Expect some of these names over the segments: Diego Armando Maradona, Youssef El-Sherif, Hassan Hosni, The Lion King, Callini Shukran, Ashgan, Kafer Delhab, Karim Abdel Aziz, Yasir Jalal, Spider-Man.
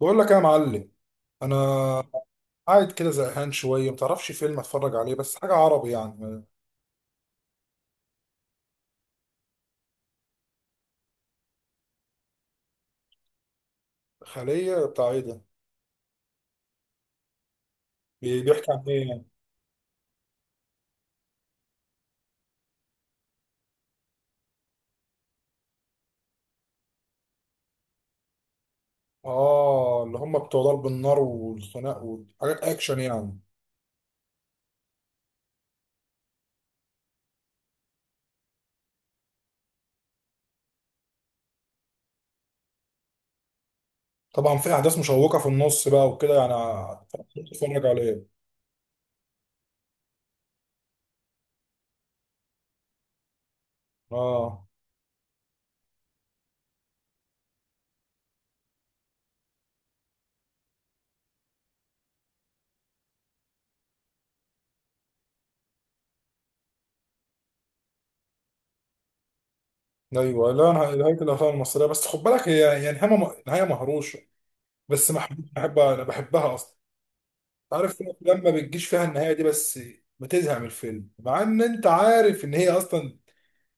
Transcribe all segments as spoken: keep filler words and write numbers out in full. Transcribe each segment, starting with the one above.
بقول لك يا معلم. انا. مم. قاعد كده زهقان شويه، متعرفش فيلم اتفرج عليه؟ بس حاجه عربي يعني. خليه بتاع ايه ده؟ بي- بيحكي عن ايه يعني؟ اه، اللي هم بتوع ضرب النار والخناق وحاجات اكشن يعني. طبعا في احداث مشوقه في النص بقى وكده يعني. اتفرج عليه. اه ايوه، لا انا نهايه الافلام المصريه، بس خد بالك هي يعني نهايه م- نهايه مهروشه بس محبوب بحبها، انا بحبها اصلا. عارف، في افلام ما بتجيش فيها النهايه دي، بس بتزهق من الفيلم مع ان انت عارف ان هي اصلا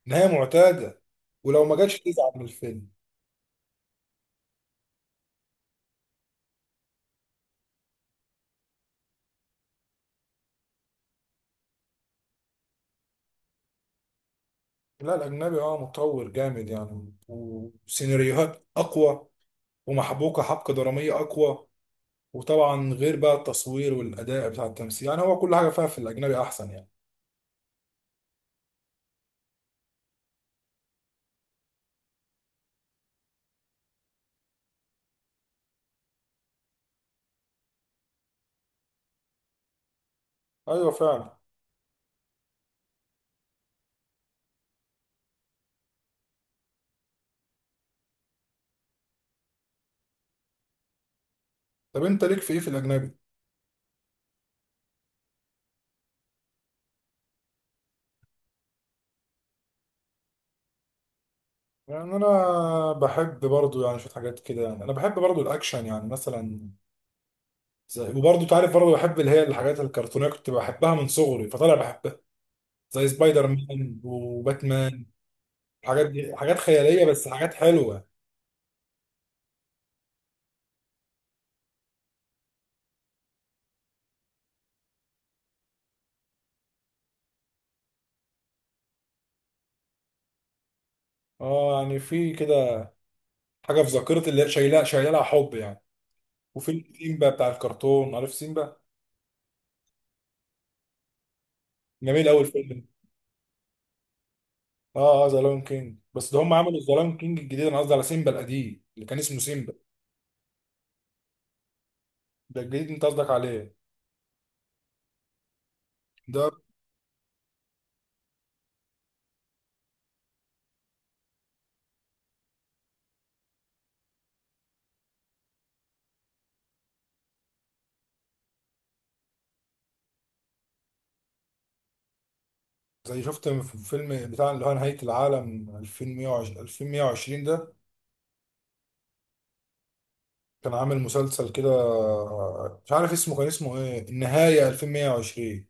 نهايه معتاده، ولو ما جاتش تزعل من الفيلم. لا، الاجنبي اه مطور جامد يعني، وسيناريوهات اقوى، ومحبوكه حبكه دراميه اقوى، وطبعا غير بقى التصوير والاداء بتاع التمثيل، يعني هو كل حاجه فيها في الاجنبي احسن يعني. ايوه فعلا. طب انت ليك في ايه في الاجنبي؟ يعني انا بحب برضو يعني شويه حاجات كده، يعني انا بحب برضو الاكشن يعني مثلا، زي وبرضه انت عارف برضه بحب اللي هي الحاجات الكرتونيه، كنت بحبها من صغري فطالع بحبها، زي سبايدر مان وباتمان. الحاجات دي حاجات خياليه، بس حاجات حلوه. اه يعني في كده حاجه في ذاكرتي اللي هي شايلها شايلها لها حب يعني. وفيلم سيمبا بتاع الكرتون، عارف سيمبا؟ جميل قوي الفيلم ده. اه اه ذا لايون كينج، بس ده هم عملوا ذا لايون كينج الجديد، انا قصدي على سيمبا القديم اللي كان اسمه سيمبا. ده الجديد انت قصدك عليه؟ ده. زي شفت في فيلم بتاع اللي هو نهايه العالم ألفين ومية وعشرين ألفين ومية وعشرين ده. كان عامل مسلسل كده، مش عارف اسمه، كان اسمه ايه، النهاية ألفين ومية وعشرين.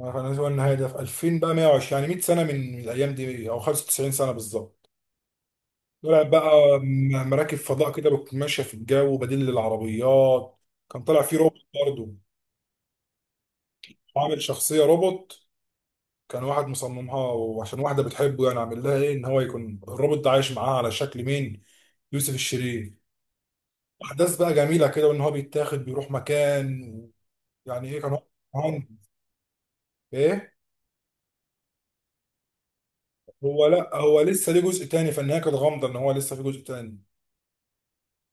عارف انا، هو النهاية ده في ألفين بقى مية وعشرين، يعني 100 سنة من من الايام دي او 95 سنة بالظبط. طلع بقى م- مراكب فضاء كده بت- ماشية في الجو بديل للعربيات. كان طلع فيه روبوت برضه. وعامل شخصية روبوت. كان واحد مصممها، وعشان واحدة بتحبه يعني عامل لها ايه، ان هو يكون الروبوت ده عايش معاها على شكل مين، يوسف الشريف. احداث بقى جميلة كده، وان هو بيتاخد بيروح مكان. يعني ايه كان. هو. ايه. هو لا هو لسه ليه جزء تاني، فالنهايه كانت غامضه، ان هو لسه في جزء تاني.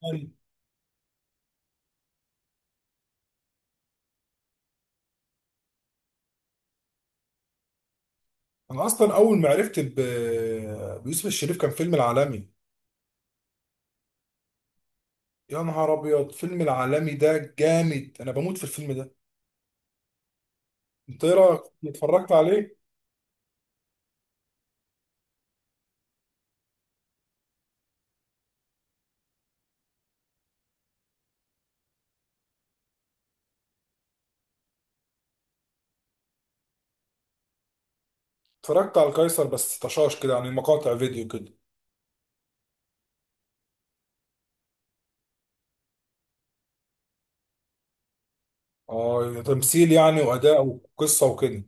يعني. انا اصلا اول ما عرفت ب... بيوسف الشريف كان فيلم العالمي. يا نهار ابيض، فيلم العالمي ده جامد، انا بموت في الفيلم ده. انت ايه رايك، اتفرجت عليه؟ اتفرجت على القيصر بس طشاش كده، يعني مقاطع فيديو كده. اه تمثيل يعني واداء وقصه وكده.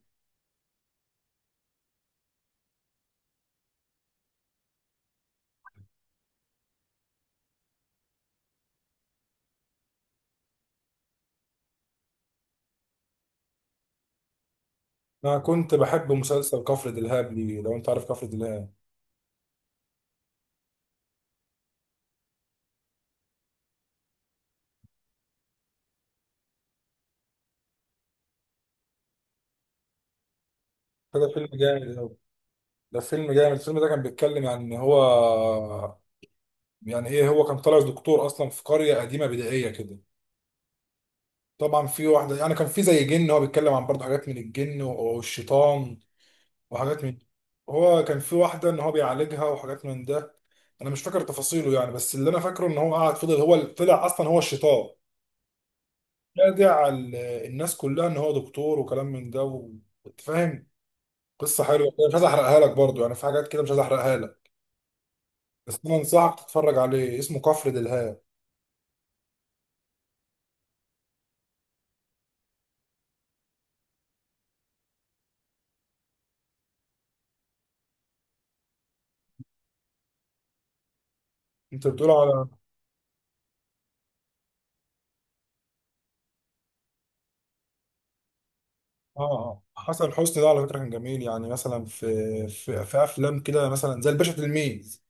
انا كنت بحب مسلسل كفر دلهاب لي، لو انت عارف كفر دلهاب. ده فيلم جامد أوي. ده فيلم جامد. الفيلم ده كان بيتكلم عن ان هو، يعني ايه، هو كان طالع دكتور اصلا في قريه قديمه بدائيه كده. طبعا في واحده، يعني كان في زي جن، هو بيتكلم عن برضه حاجات من الجن و- والشيطان وحاجات من. هو كان في واحده ان هو بيعالجها وحاجات من ده. انا مش فاكر تفاصيله يعني، بس اللي انا فاكره ان هو قعد فضل هو اللي طلع اصلا هو الشيطان، خادع ال- الناس كلها ان هو دكتور وكلام من ده و- وانت فاهم. قصه حلوه كده، مش عايز احرقها لك برضه، يعني في حاجات كده مش عايز احرقها لك. بس انا انصحك تتفرج عليه، اسمه كفر دلهاب. انت بتقول على؟ اه آه. حسن حسني ده على فكره كان جميل، يعني مثلا في في, في افلام كده مثلا زي الباشا تلميذ.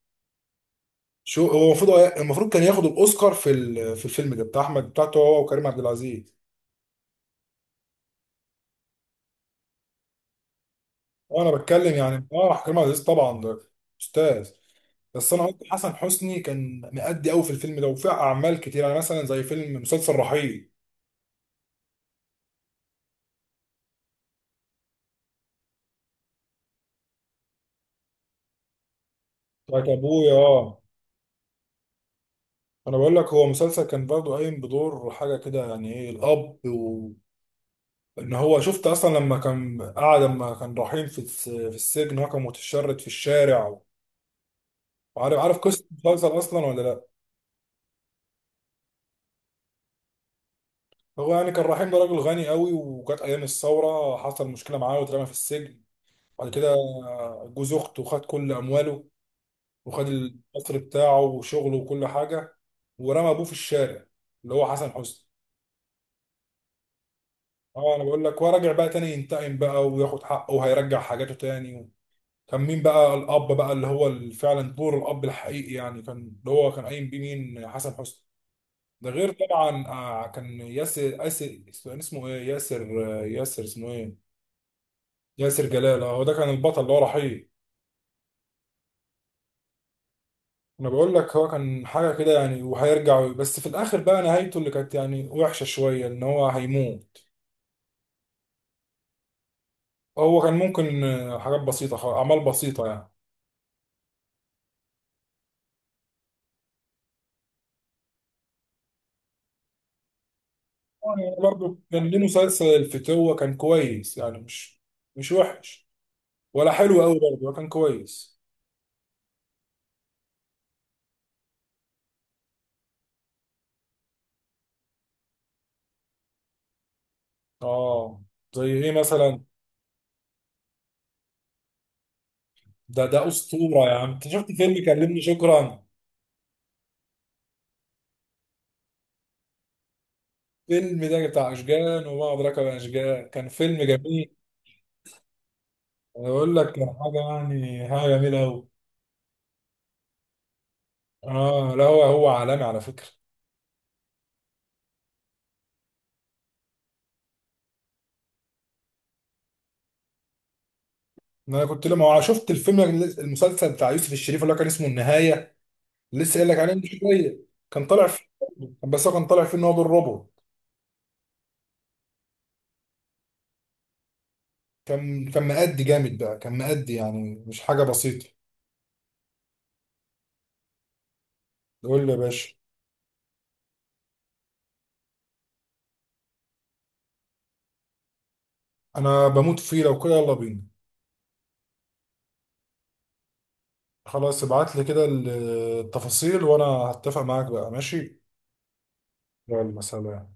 شو هو المفروض المفروض كان ياخد الاوسكار في ال- في الفيلم ده بتاع احمد بتاعته، هو وكريم عبد العزيز. وانا بتكلم يعني اه كريم عبد العزيز طبعا ده استاذ. بس انا قلت حسن حسني كان مأدي قوي في الفيلم ده وفي اعمال كتير، يعني مثلا زي فيلم مسلسل رحيل. بتاعت ابويا اه. انا بقول لك هو مسلسل كان برضه قايم بدور حاجه كده، يعني ايه، الاب ان هو شفت اصلا، لما كان قاعد لما كان رايحين في الس- في السجن هو كان متشرد في الشارع. وعارف عارف قصه المسلسل اصلا ولا لا؟ هو يعني كان رحيم ده راجل غني قوي، وجت ايام الثوره حصل مشكله معاه واترمى في السجن، بعد كده جوز اخته خد كل امواله، وخد القصر بتاعه وشغله وكل حاجه، ورمى ابوه في الشارع، اللي هو حسن حسني. اه انا بقول لك هو راجع بقى تاني ينتقم بقى وياخد حقه وهيرجع حاجاته تاني. كان مين بقى الاب بقى، اللي هو ال- فعلا دور الاب الحقيقي، يعني كان اللي هو كان قايم بيه مين، حسن حسني. ده غير طبعا آه، كان ياسر ياسر، كان اسمه ايه ياسر آه، ياسر اسمه ايه. ياسر جلال، اه هو ده كان البطل اللي هو رحيل. انا بقول لك هو كان حاجه كده يعني وهيرجع، بس في الاخر بقى نهايته اللي كانت يعني وحشه شويه، ان هو هيموت. هو كان ممكن آه، حاجات بسيطه خالص، اعمال بسيطه يعني. يعني برضه كان ليه مسلسل الفتوه كان كويس يعني، مش مش وحش، ولا حلو قوي برضه، ولا كان كويس. اه. زي ايه مثلا؟ ده ده اسطوره يا عم، انت شفت فيلم كلمني شكرا؟ فيلم ده بتاع اشجان، وما ادراك ما اشجان، كان فيلم جميل. انا بقول لك كان حاجه يعني حاجه جميله قوي. اه لا هو هو عالمي على فكره. انا كنت لما أنا شفت الفيلم المسلسل بتاع يوسف الشريف اللي هو كان اسمه النهايه، لسه قايل لك عليه من شويه. كان طالع فيه برضه. بس هو كان طالع فيه ان هو دور روبوت. كان كان مأدي جامد بقى، كان مأدي يعني مش حاجه بسيطه. قول لي يا باشا. انا بموت فيه لو كده، يلا بينا. خلاص ابعت لي كده التفاصيل وانا هتفق معاك بقى، ماشي؟ يلا سلام.